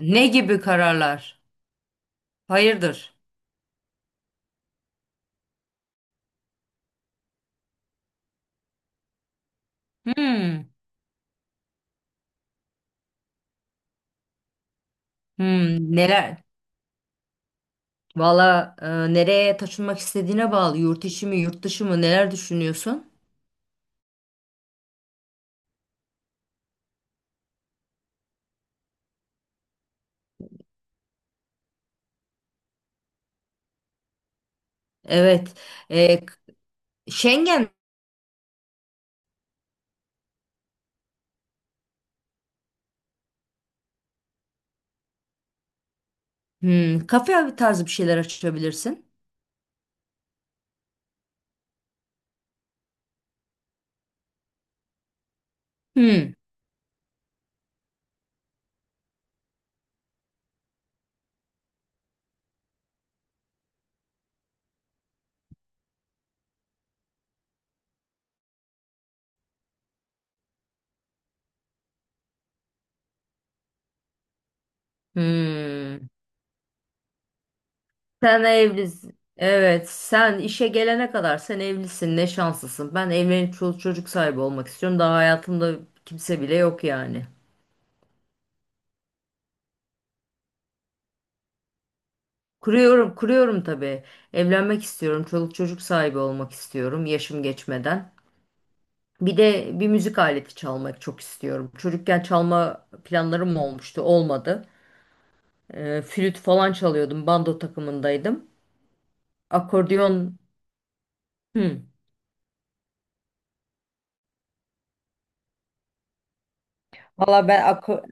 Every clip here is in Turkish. Ne gibi kararlar? Hayırdır? Hmm, hmm, neler? Valla nereye taşınmak istediğine bağlı. Yurt içi mi, yurt dışı mı? Neler düşünüyorsun? Evet. E, k- Schengen, hmm, kafe tarzı bir şeyler açabilirsin. Hmm. Hmm. Sen evlisin. Evet, sen işe gelene kadar sen evlisin. Ne şanslısın. Ben evlenip çoluk çocuk sahibi olmak istiyorum. Daha hayatımda kimse bile yok yani. Kuruyorum, kuruyorum tabii. Evlenmek istiyorum, çoluk çocuk sahibi olmak istiyorum yaşım geçmeden. Bir de bir müzik aleti çalmak çok istiyorum. Çocukken çalma planlarım olmuştu, olmadı. Flüt falan çalıyordum, bando takımındaydım. Akordeon. Hmm. Valla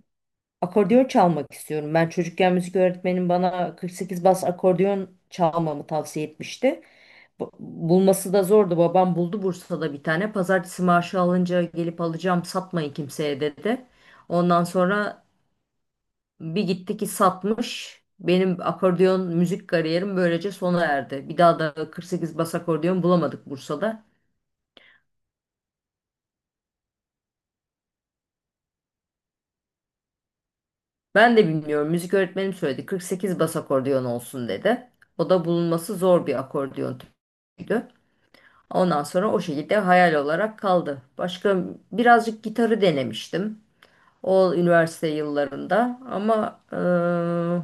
akordeon çalmak istiyorum. Ben çocukken müzik öğretmenim bana 48 bas akordeon çalmamı tavsiye etmişti. Bulması da zordu. Babam buldu Bursa'da bir tane. Pazartesi maaşı alınca gelip alacağım, satmayın kimseye dedi. Ondan sonra bir gitti ki satmış. Benim akordeon müzik kariyerim böylece sona erdi. Bir daha da 48 bas akordeon bulamadık Bursa'da. Ben de bilmiyorum. Müzik öğretmenim söyledi. 48 bas akordeon olsun dedi. O da bulunması zor bir akordeon türüydü. Ondan sonra o şekilde hayal olarak kaldı. Başka birazcık gitarı denemiştim. O üniversite yıllarında. Ama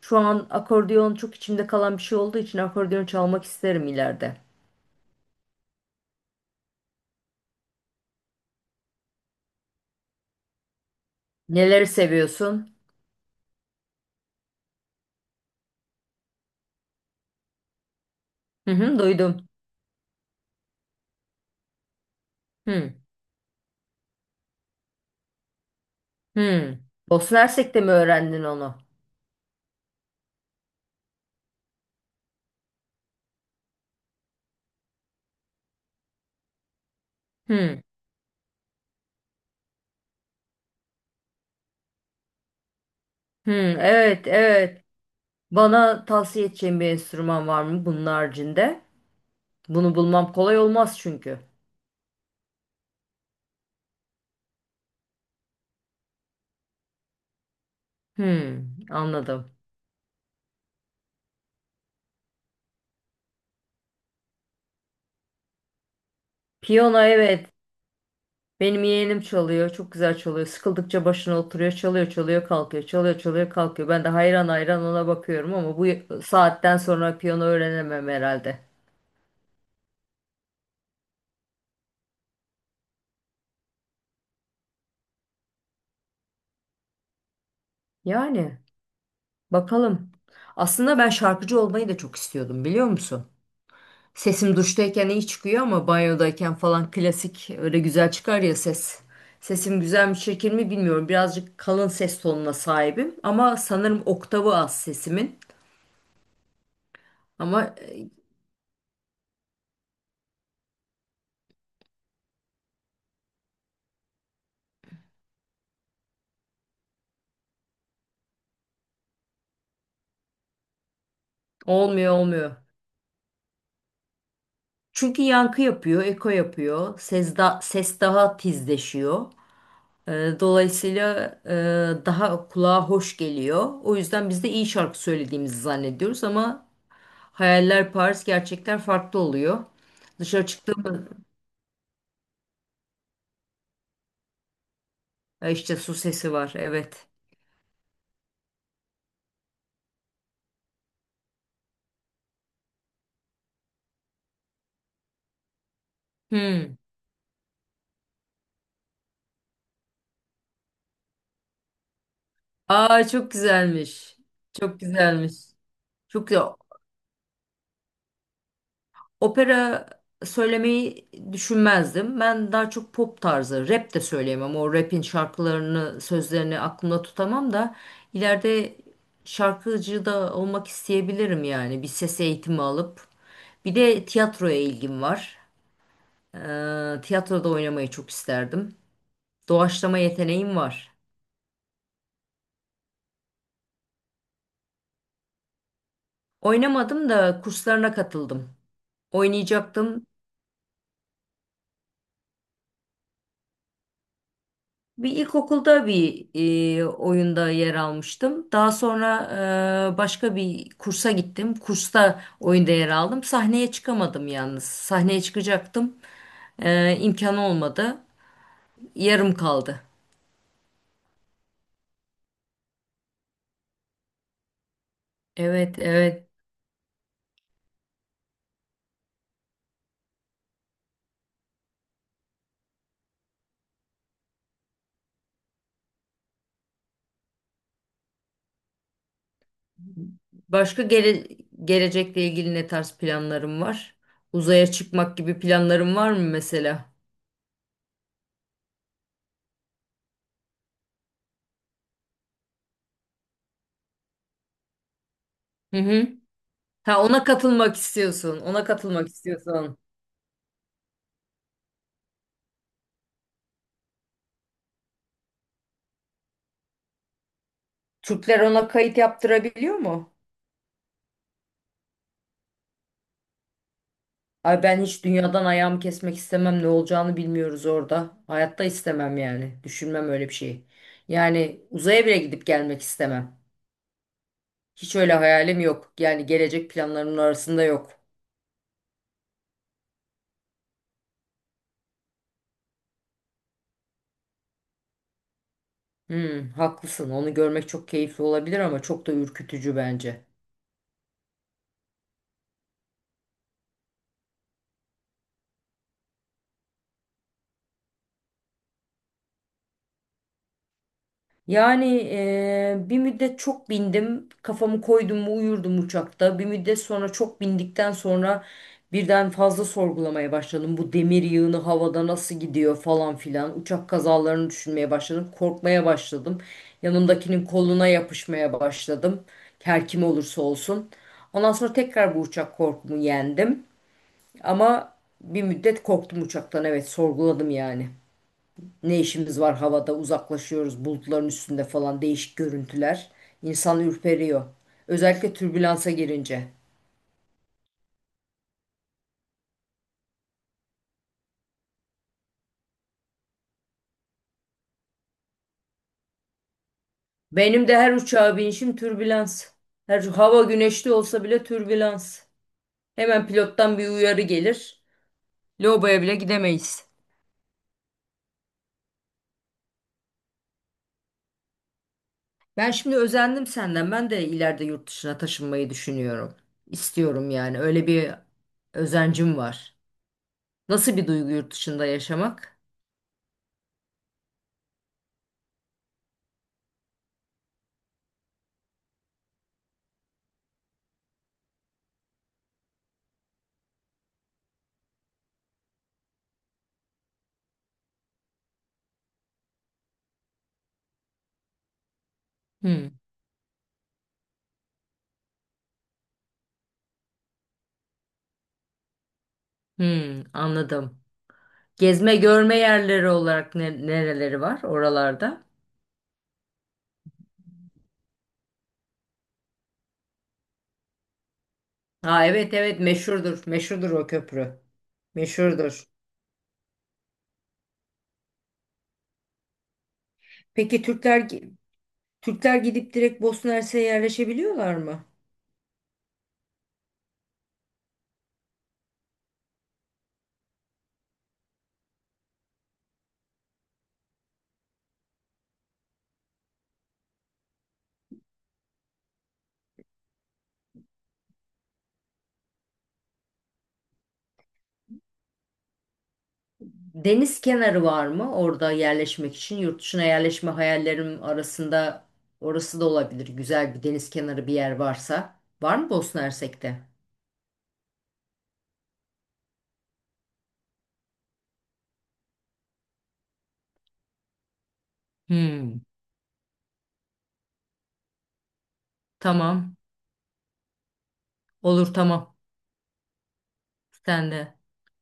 şu an akordeon çok içimde kalan bir şey olduğu için akordeon çalmak isterim ileride. Neleri seviyorsun? Hı hı, duydum. Hı hı. Bosna Hersek'te mi öğrendin onu? Hı hı, evet evet. Bana tavsiye edeceğin bir enstrüman var mı bunun haricinde? Bunu bulmam kolay olmaz çünkü. Hı, anladım. Piyano evet. Benim yeğenim çalıyor. Çok güzel çalıyor. Sıkıldıkça başına oturuyor. Çalıyor, çalıyor, kalkıyor. Çalıyor, çalıyor, kalkıyor. Ben de hayran hayran ona bakıyorum ama bu saatten sonra piyano öğrenemem herhalde. Yani bakalım. Aslında ben şarkıcı olmayı da çok istiyordum biliyor musun? Sesim duştayken iyi çıkıyor ama banyodayken falan klasik öyle güzel çıkar ya ses. Sesim güzel mi çirkin mi bilmiyorum. Birazcık kalın ses tonuna sahibim ama sanırım oktavı az sesimin. Ama e, Olmuyor, olmuyor. Çünkü yankı yapıyor, eko yapıyor. Ses daha tizleşiyor. Dolayısıyla daha kulağa hoş geliyor. O yüzden biz de iyi şarkı söylediğimizi zannediyoruz ama hayaller Paris, gerçekler farklı oluyor. Dışarı çıktım, işte su sesi var, evet. Hmm. Aa çok güzelmiş. Çok güzelmiş. Çok güzel. Opera söylemeyi düşünmezdim. Ben daha çok pop tarzı, rap de söyleyemem. O rap'in şarkılarını, sözlerini aklımda tutamam da ileride şarkıcı da olmak isteyebilirim yani. Bir ses eğitimi alıp. Bir de tiyatroya ilgim var. Tiyatroda oynamayı çok isterdim. Doğaçlama yeteneğim var. Oynamadım da kurslarına katıldım. Oynayacaktım. Bir ilkokulda oyunda yer almıştım. Daha sonra başka bir kursa gittim. Kursta oyunda yer aldım. Sahneye çıkamadım yalnız. Sahneye çıkacaktım. İmkanı olmadı. Yarım kaldı. Evet, evet. Başka gele- Gelecekle ilgili ne tarz planlarım var? Uzaya çıkmak gibi planlarım var mı mesela? Hı hı. Ha ona katılmak istiyorsun. Ona katılmak istiyorsun. Türkler ona kayıt yaptırabiliyor mu? Ay ben hiç dünyadan ayağımı kesmek istemem. Ne olacağını bilmiyoruz orada. Hayatta istemem yani. Düşünmem öyle bir şeyi. Yani uzaya bile gidip gelmek istemem. Hiç öyle hayalim yok. Yani gelecek planlarımın arasında yok. Hmm, haklısın. Onu görmek çok keyifli olabilir ama çok da ürkütücü bence. Yani bir müddet çok bindim. Kafamı koydum mu uyurdum uçakta. Bir müddet sonra çok bindikten sonra birden fazla sorgulamaya başladım. Bu demir yığını havada nasıl gidiyor falan filan. Uçak kazalarını düşünmeye başladım. Korkmaya başladım. Yanımdakinin koluna yapışmaya başladım. Her kim olursa olsun. Ondan sonra tekrar bu uçak korkumu yendim. Ama bir müddet korktum uçaktan. Evet, sorguladım yani. Ne işimiz var havada, uzaklaşıyoruz bulutların üstünde falan, değişik görüntüler. İnsan ürperiyor. Özellikle türbülansa girince. Benim de her uçağa binişim türbülans. Her hava güneşli olsa bile türbülans. Hemen pilottan bir uyarı gelir. Lobaya bile gidemeyiz. Ben şimdi özendim senden. Ben de ileride yurt dışına taşınmayı düşünüyorum. İstiyorum yani. Öyle bir özencim var. Nasıl bir duygu yurt dışında yaşamak? Hmm. Hmm, anladım. Gezme görme yerleri olarak nereleri var oralarda? Ha evet evet, meşhurdur. Meşhurdur o köprü. Meşhurdur. Peki Türkler gidip direkt Bosna Hersek'e yerleşebiliyorlar mı? Deniz kenarı var mı orada yerleşmek için? Yurt dışına yerleşme hayallerim arasında orası da olabilir. Güzel bir deniz kenarı bir yer varsa. Var mı Bosna Hersek'te? Hmm, tamam. Olur, tamam. Sen de.